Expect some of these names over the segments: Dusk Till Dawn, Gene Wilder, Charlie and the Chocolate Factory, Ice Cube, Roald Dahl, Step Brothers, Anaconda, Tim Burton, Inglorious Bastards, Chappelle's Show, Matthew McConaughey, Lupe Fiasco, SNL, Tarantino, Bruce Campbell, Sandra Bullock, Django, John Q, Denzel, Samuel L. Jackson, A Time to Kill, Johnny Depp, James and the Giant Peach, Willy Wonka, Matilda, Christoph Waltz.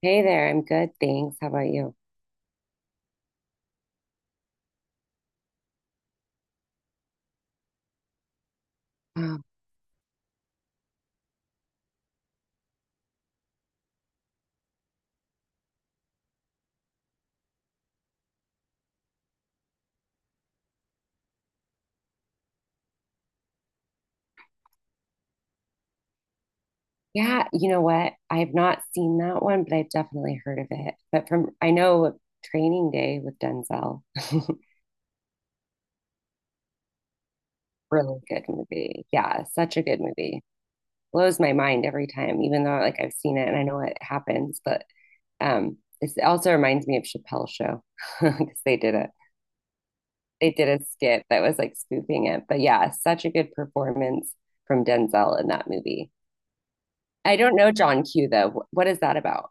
Hey there, I'm good, thanks. How about you? Oh, yeah, you know what? I have not seen that one, but I've definitely heard of it. But from I know Training Day with Denzel, really good movie. Yeah, such a good movie. Blows my mind every time, even though like I've seen it and I know what happens. But it also reminds me of Chappelle's show because they did a skit that was like spoofing it. But yeah, such a good performance from Denzel in that movie. I don't know John Q though. What is that about?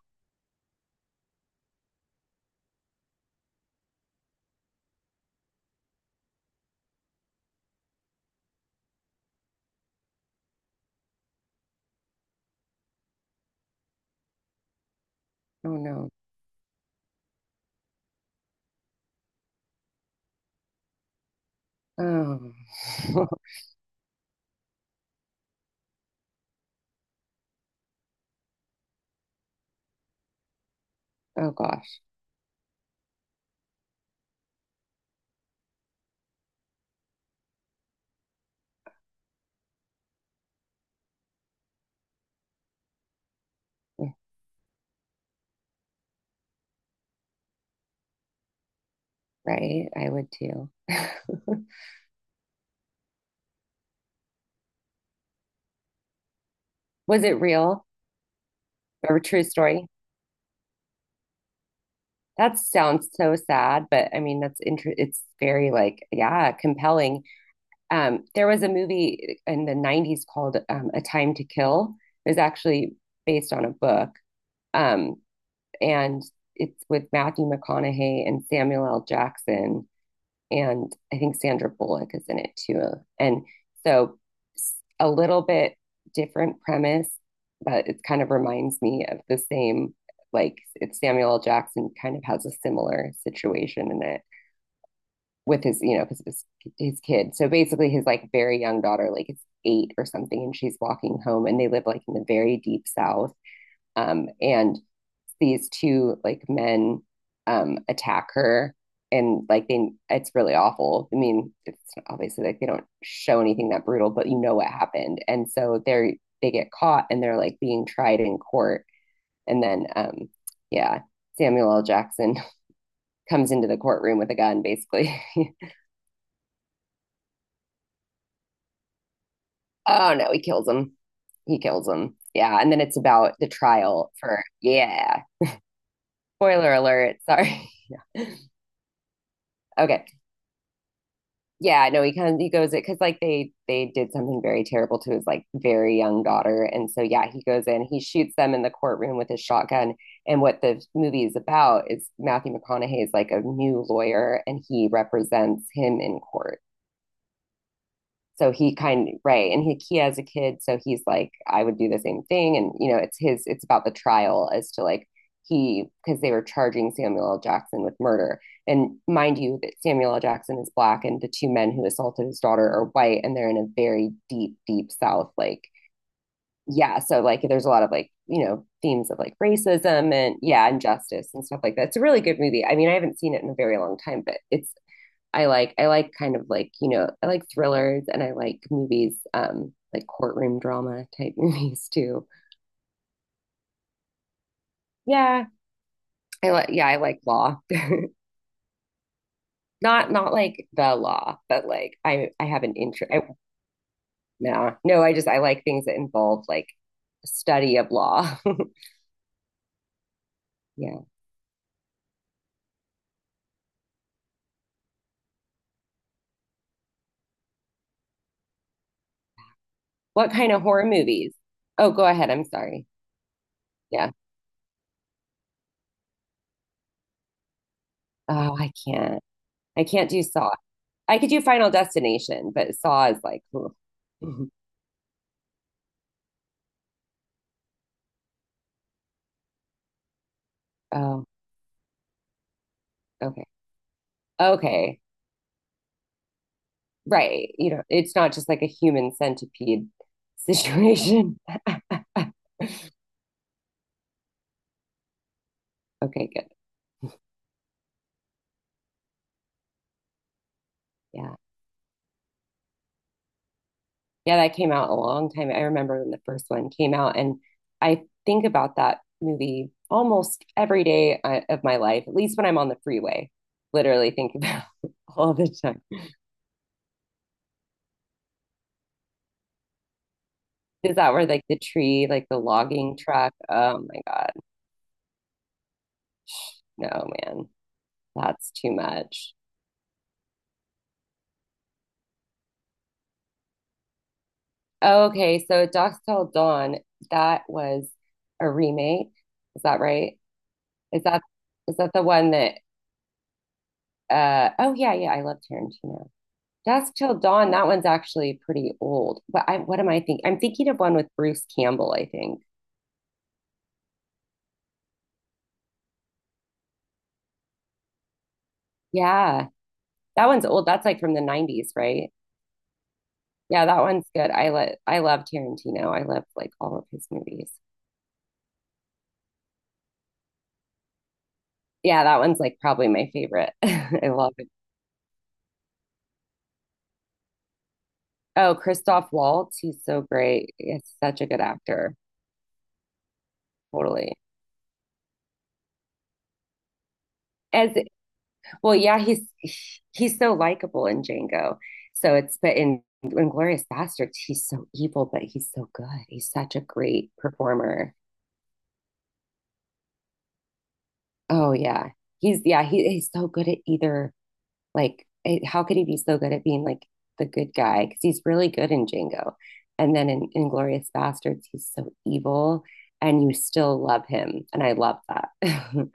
Oh no. Oh. Oh gosh. Right? I would too. Was it real or a true story? That sounds so sad, but I mean that's inter it's very like, yeah, compelling. There was a movie in the 90s called A Time to Kill. It was actually based on a book. Um And it's with Matthew McConaughey and Samuel L. Jackson. And I think Sandra Bullock is in it too. And so a little bit different premise, but it kind of reminds me of the same. Like, it's Samuel L. Jackson kind of has a similar situation in it with because his kid. So basically, his like very young daughter, like it's 8 or something, and she's walking home, and they live like in the very deep south. And these two like men attack her, and like they it's really awful. I mean, it's obviously like they don't show anything that brutal, but you know what happened. And so they get caught, and they're like being tried in court. And then yeah, Samuel L. Jackson comes into the courtroom with a gun basically. Oh no, he kills him, he kills him, yeah. And then it's about the trial for, yeah. Spoiler alert, sorry. Yeah. Okay, yeah, no, he goes it because like they did something very terrible to his like very young daughter. And so yeah, he goes in, he shoots them in the courtroom with his shotgun, and what the movie is about is Matthew McConaughey is like a new lawyer, and he represents him in court. So he kind of, right, and he has a kid, so he's like, I would do the same thing. And it's about the trial as to like, he because they were charging Samuel L. Jackson with murder. And mind you that Samuel L. Jackson is black, and the two men who assaulted his daughter are white, and they're in a very deep, deep south, like. Yeah, so like, there's a lot of like, you know, themes of like racism and, yeah, injustice and stuff like that. It's a really good movie. I mean, I haven't seen it in a very long time, but it's I like kind of like, I like thrillers, and I like movies, like courtroom drama type movies too. Yeah. I like, yeah, I like law. Not not like the law, but like I have an interest. No, no, I just I like things that involve like study of law. Yeah. What kind of horror movies? Oh, go ahead. I'm sorry. Yeah. Oh, I can't. I can't do Saw. I could do Final Destination, but Saw is like, ugh. Mhm. Oh, okay. Okay. Right, it's not just like a human centipede situation. Okay, good. Yeah, yeah, that came out a long time. I remember when the first one came out, and I think about that movie almost every day of my life, at least when I'm on the freeway. Literally think about it all the time. Is that where like the tree, like the logging truck? Oh my god. No, man. That's too much. Oh, okay, so Dusk Till Dawn, that was a remake. Is that right? Is that is that the one that oh yeah, yeah, I love Tarantino. Dusk Till Dawn, that one's actually pretty old. But I what am I thinking? I'm thinking of one with Bruce Campbell, I think. Yeah. That one's old. That's like from the 90s, right? Yeah, that one's good. I love Tarantino. I love like all of his movies. Yeah, that one's like probably my favorite. I love it. Oh, Christoph Waltz, he's so great. He's such a good actor. Totally. As well, yeah, he's so likable in Django. So it's But in Inglorious Bastards, he's so evil, but he's so good. He's such a great performer. Oh yeah, he's yeah, he's so good at either, like, how could he be so good at being like the good guy? Because he's really good in Django, and then in Inglorious Bastards, he's so evil, and you still love him, and I love that.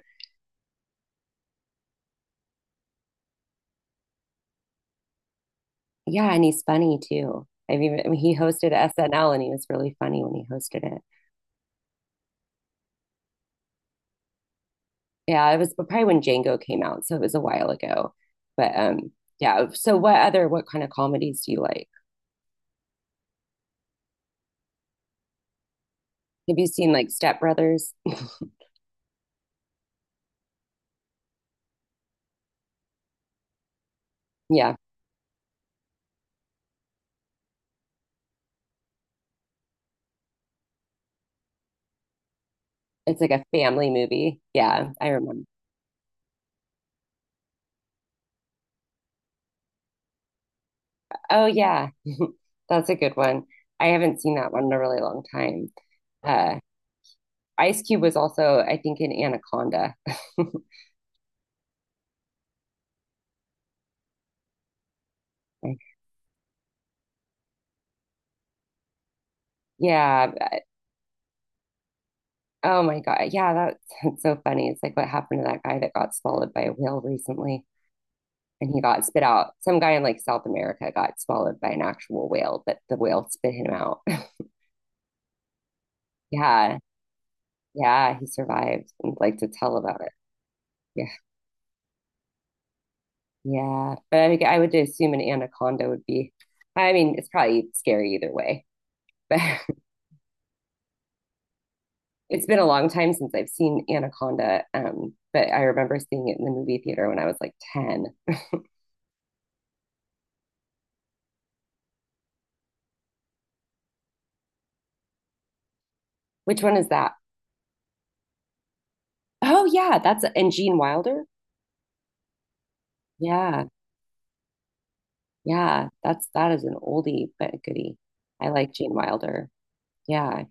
Yeah, and he's funny too. I mean, he hosted SNL, and he was really funny when he hosted it. Yeah, it was probably when Django came out, so it was a while ago. But yeah. So what kind of comedies do you like? Have you seen like Step Brothers? Yeah, it's like a family movie. Yeah, I remember. Oh yeah, that's a good one. I haven't seen that one in a really long time. Uh, Ice Cube was also, I think, in Anaconda. Yeah, oh my God. Yeah, that's, that's so funny. It's like what happened to that guy that got swallowed by a whale recently, and he got spit out. Some guy in like South America got swallowed by an actual whale, but the whale spit him out. Yeah. Yeah. He survived and like to tell about it. Yeah. Yeah. But I would assume an anaconda would be, I mean, it's probably scary either way. But it's been a long time since I've seen anaconda. But I remember seeing it in the movie theater when I was like 10. Which one is that? Oh yeah, that's and Gene Wilder. Yeah, yeah, that is an oldie but a goodie. I like Gene Wilder. Yeah,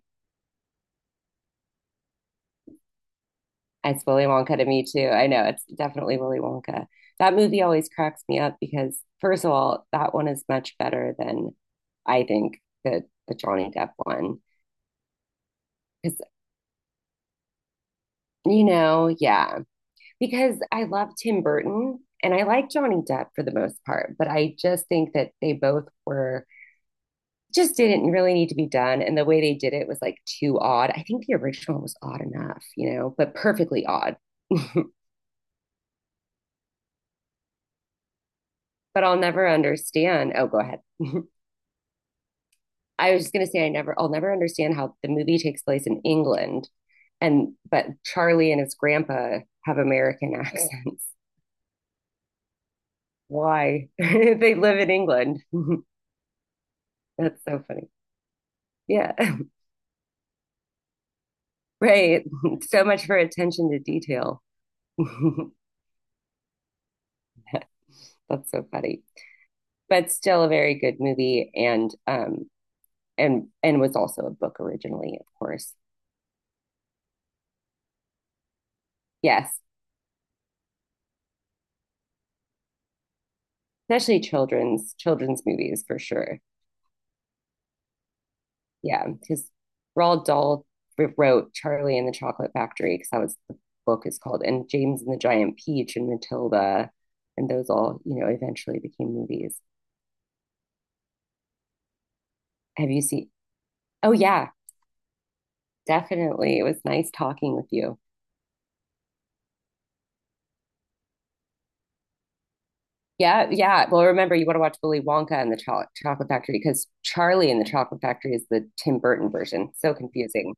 it's Willy Wonka to me too. I know it's definitely Willy Wonka. That movie always cracks me up because, first of all, that one is much better than, I think, the Johnny Depp one. Because, yeah, because I love Tim Burton and I like Johnny Depp for the most part, but I just think that they both were just didn't really need to be done. And the way they did it was like too odd. I think the original was odd enough, you know, but perfectly odd. But I'll never understand. Oh, go ahead. I was just going to say, I'll never understand how the movie takes place in England. But Charlie and his grandpa have American accents. Why? They live in England. That's so funny. Yeah. Right. So much for attention to detail. That's so funny. But still a very good movie, and was also a book originally, of course. Yes, especially children's movies for sure. Yeah, because Roald Dahl wrote Charlie and the Chocolate Factory, because that was the book is called, and James and the Giant Peach and Matilda, and those all, eventually became movies. Have you seen? Oh yeah, definitely. It was nice talking with you. Yeah, yeah. Well, remember, you want to watch Willy Wonka and the Chocolate Factory, because Charlie and the Chocolate Factory is the Tim Burton version. So confusing.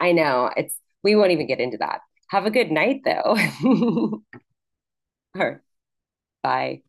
I know. It's We won't even get into that. Have a good night though. All right. Bye.